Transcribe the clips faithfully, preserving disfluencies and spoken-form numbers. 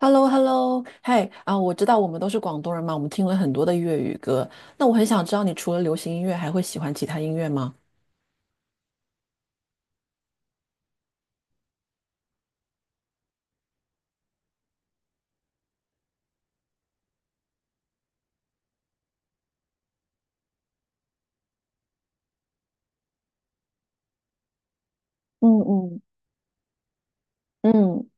h e l l o h e l l o 嘿啊，我知道我们都是广东人嘛，我们听了很多的粤语歌。那我很想知道，你除了流行音乐，还会喜欢其他音乐吗？嗯嗯。嗯。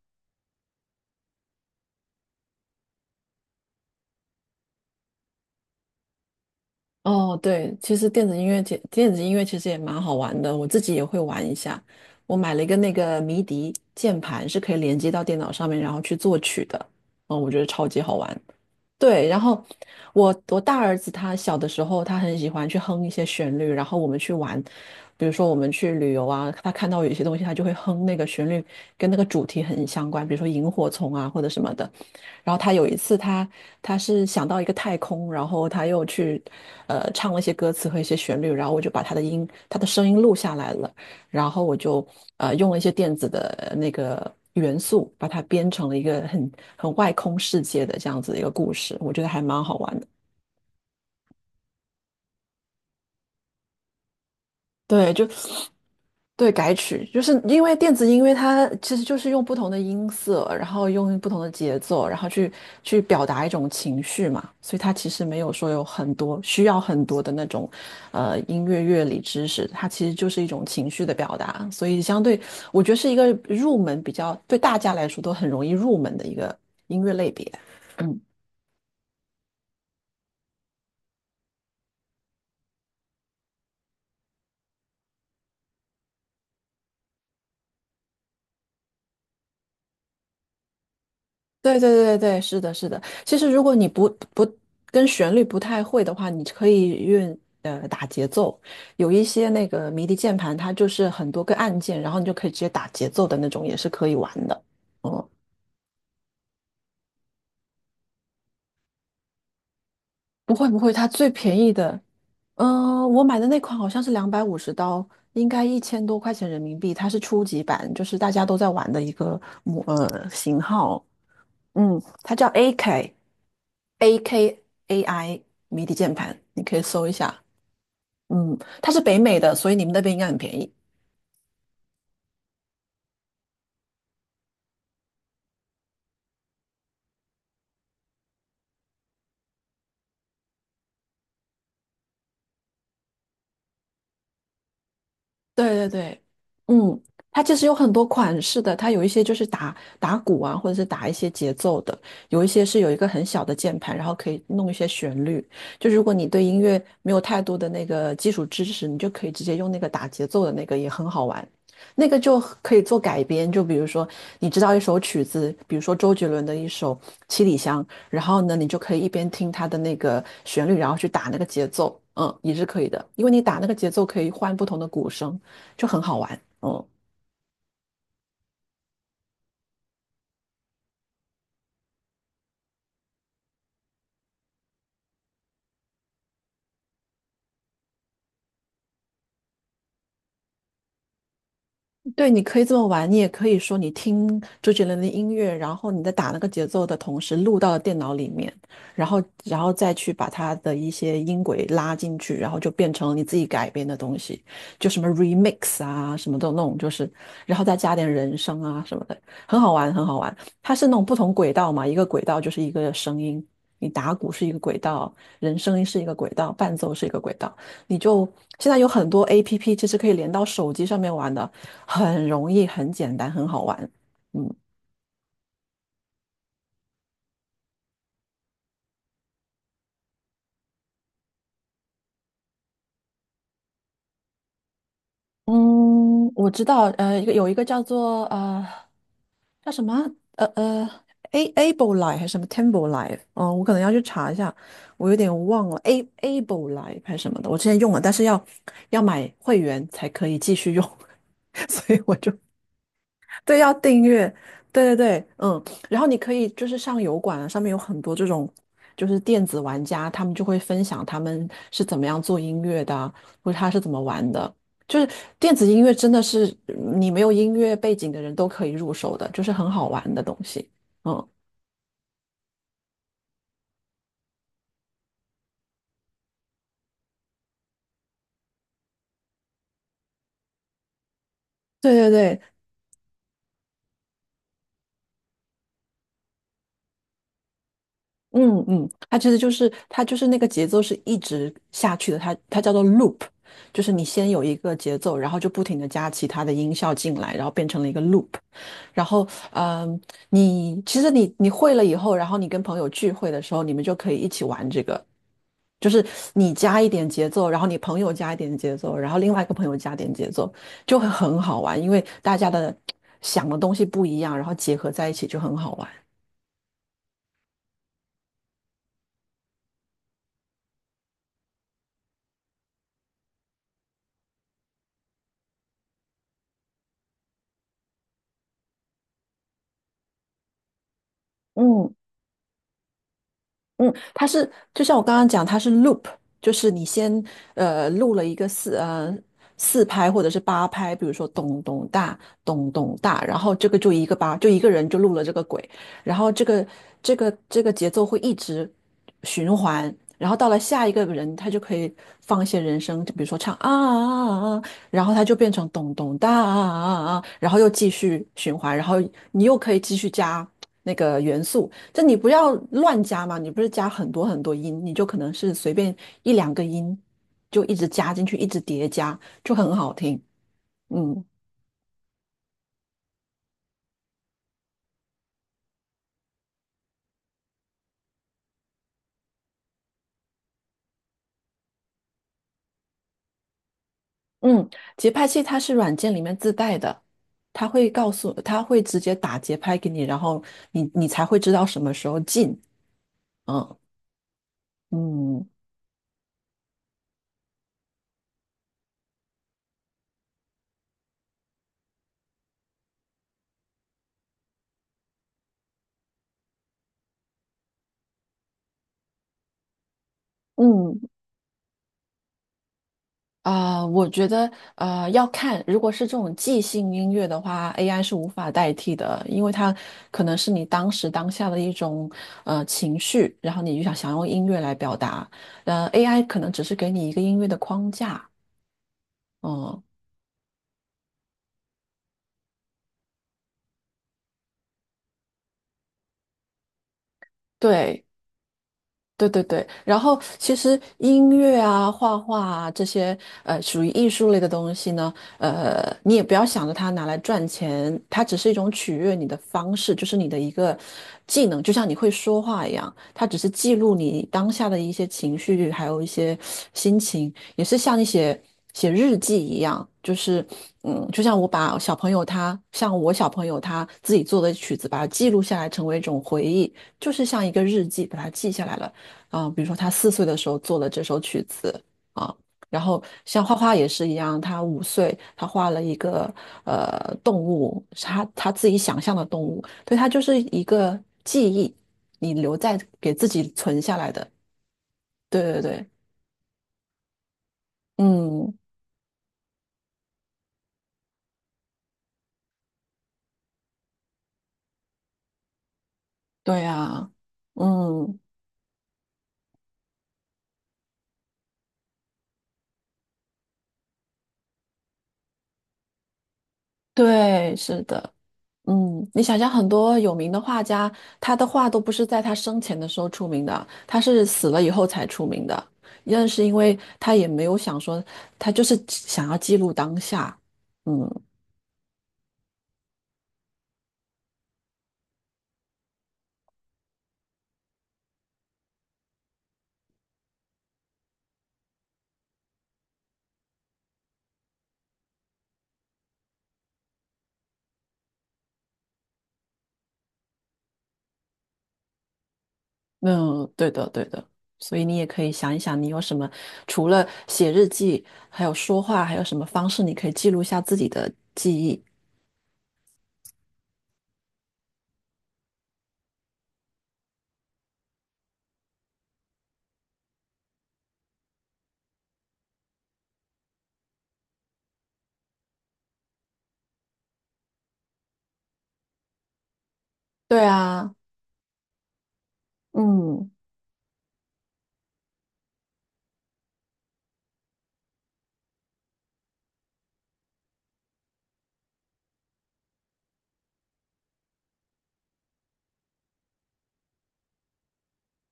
哦，对，其实电子音乐节，电子音乐其实也蛮好玩的，我自己也会玩一下。我买了一个那个迷笛键盘，是可以连接到电脑上面，然后去作曲的。嗯，我觉得超级好玩。对，然后我我大儿子他小的时候，他很喜欢去哼一些旋律，然后我们去玩，比如说我们去旅游啊，他看到有一些东西，他就会哼那个旋律，跟那个主题很相关，比如说萤火虫啊或者什么的。然后他有一次他他是想到一个太空，然后他又去呃唱了一些歌词和一些旋律，然后我就把他的音他的声音录下来了。然后我就呃用了一些电子的那个元素，把它编成了一个很很外空世界的这样子的一个故事，我觉得还蛮好玩的。对，就对，改曲就是因为电子音乐，它其实就是用不同的音色，然后用不同的节奏，然后去去表达一种情绪嘛，所以它其实没有说有很多需要很多的那种呃音乐乐理知识，它其实就是一种情绪的表达，所以相对我觉得是一个入门比较对大家来说都很容易入门的一个音乐类别。嗯。对对对对，是的，是的。其实如果你不不跟旋律不太会的话，你可以用呃打节奏。有一些那个迷笛键盘，它就是很多个按键，然后你就可以直接打节奏的那种，也是可以玩的。哦，不会不会，它最便宜的，嗯，我买的那款好像是两百五十刀，应该一千多块钱人民币。它是初级版，就是大家都在玩的一个模呃型号。嗯，它叫 A K AKAI 迷笛键盘，你可以搜一下。嗯，它是北美的，所以你们那边应该很便宜。对对对，嗯，它其实有很多款式的，它有一些就是打打鼓啊，或者是打一些节奏的，有一些是有一个很小的键盘，然后可以弄一些旋律。就如果你对音乐没有太多的那个基础知识，你就可以直接用那个打节奏的那个，也很好玩。那个就可以做改编，就比如说你知道一首曲子，比如说周杰伦的一首《七里香》，然后呢，你就可以一边听它的那个旋律，然后去打那个节奏，嗯，也是可以的，因为你打那个节奏可以换不同的鼓声。就很好玩。哦，对，你可以这么玩，你也可以说你听周杰伦的音乐，然后你在打那个节奏的同时录到了电脑里面，然后然后再去把它的一些音轨拉进去，然后就变成了你自己改编的东西，就什么 remix 啊，什么的那种，就是，然后再加点人声啊什么的，很好玩，很好玩。它是那种不同轨道嘛，一个轨道就是一个声音，你打鼓是一个轨道，人声音是一个轨道，伴奏是一个轨道，你就现在有很多 A P P 其实可以连到手机上面玩的。很容易、很简单、很好玩。嗯。嗯，我知道，呃，一个有一个叫做呃叫什么呃呃 A Able Life 还是什么 Temple Life，嗯，我可能要去查一下，我有点忘了 A Able Life 还是什么的，我之前用了，但是要要买会员才可以继续用，所以我就对，要订阅，对对对，嗯，然后你可以就是上油管啊，上面有很多这种就是电子玩家，他们就会分享他们是怎么样做音乐的啊或者他是怎么玩的。就是电子音乐真的是嗯你没有音乐背景的人都可以入手的，就是很好玩的东西。嗯，对对对，嗯嗯，它其实就是它就是那个节奏是一直下去的，它它叫做 loop，就是你先有一个节奏，然后就不停的加其他的音效进来，然后变成了一个 loop。然后，嗯，你其实你你会了以后，然后你跟朋友聚会的时候，你们就可以一起玩这个，就是你加一点节奏，然后你朋友加一点节奏，然后另外一个朋友加点节奏，就会很好玩，因为大家的想的东西不一样，然后结合在一起就很好玩。嗯。嗯，它是就像我刚刚讲，它是 loop，就是你先呃录了一个四呃四拍或者是八拍，比如说咚咚大咚咚大，然后这个就一个八，就一个人就录了这个轨，然后这个这个这个节奏会一直循环，然后到了下一个人，他就可以放一些人声，就比如说唱啊啊啊，啊然后他就变成咚咚哒啊啊啊，啊然后又继续循环，然后你又可以继续加那个元素。就你不要乱加嘛，你不是加很多很多音，你就可能是随便一两个音，就一直加进去，一直叠加，就很好听。嗯。嗯，节拍器它是软件里面自带的，它会告诉，它会直接打节拍给你，然后你你才会知道什么时候进。嗯。嗯。嗯。啊，我觉得呃要看，如果是这种即兴音乐的话，A I 是无法代替的，因为它可能是你当时当下的一种呃情绪，然后你就想想用音乐来表达，呃，A I 可能只是给你一个音乐的框架，嗯，对，对对对，然后其实音乐啊、画画啊这些，呃，属于艺术类的东西呢，呃，你也不要想着它拿来赚钱，它只是一种取悦你的方式，就是你的一个技能，就像你会说话一样，它只是记录你当下的一些情绪，还有一些心情，也是像你写写日记一样，就是嗯，就像我把小朋友他，像我小朋友他自己做的曲子，把它记录下来，成为一种回忆。就是像一个日记，把它记下来了。啊，比如说他四岁的时候做了这首曲子。啊，然后像画画也是一样，他五岁他画了一个呃动物，是他他自己想象的动物，对，他就是一个记忆，你留在给自己存下来的，对对对，嗯，对啊，嗯，对，是的。嗯，你想想，很多有名的画家，他的画都不是在他生前的时候出名的，他是死了以后才出名的。认是因为他也没有想说，他就是想要记录当下。嗯。嗯，对的对的。所以你也可以想一想，你有什么除了写日记，还有说话，还有什么方式你可以记录下自己的记忆？对啊，嗯，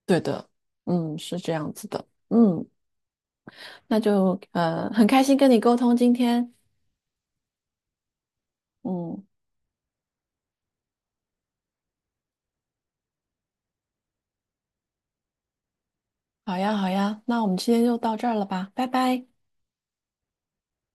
对的，嗯，是这样子的。嗯，那就呃，很开心跟你沟通今天。嗯，好呀，好呀，那我们今天就到这儿了吧，拜拜。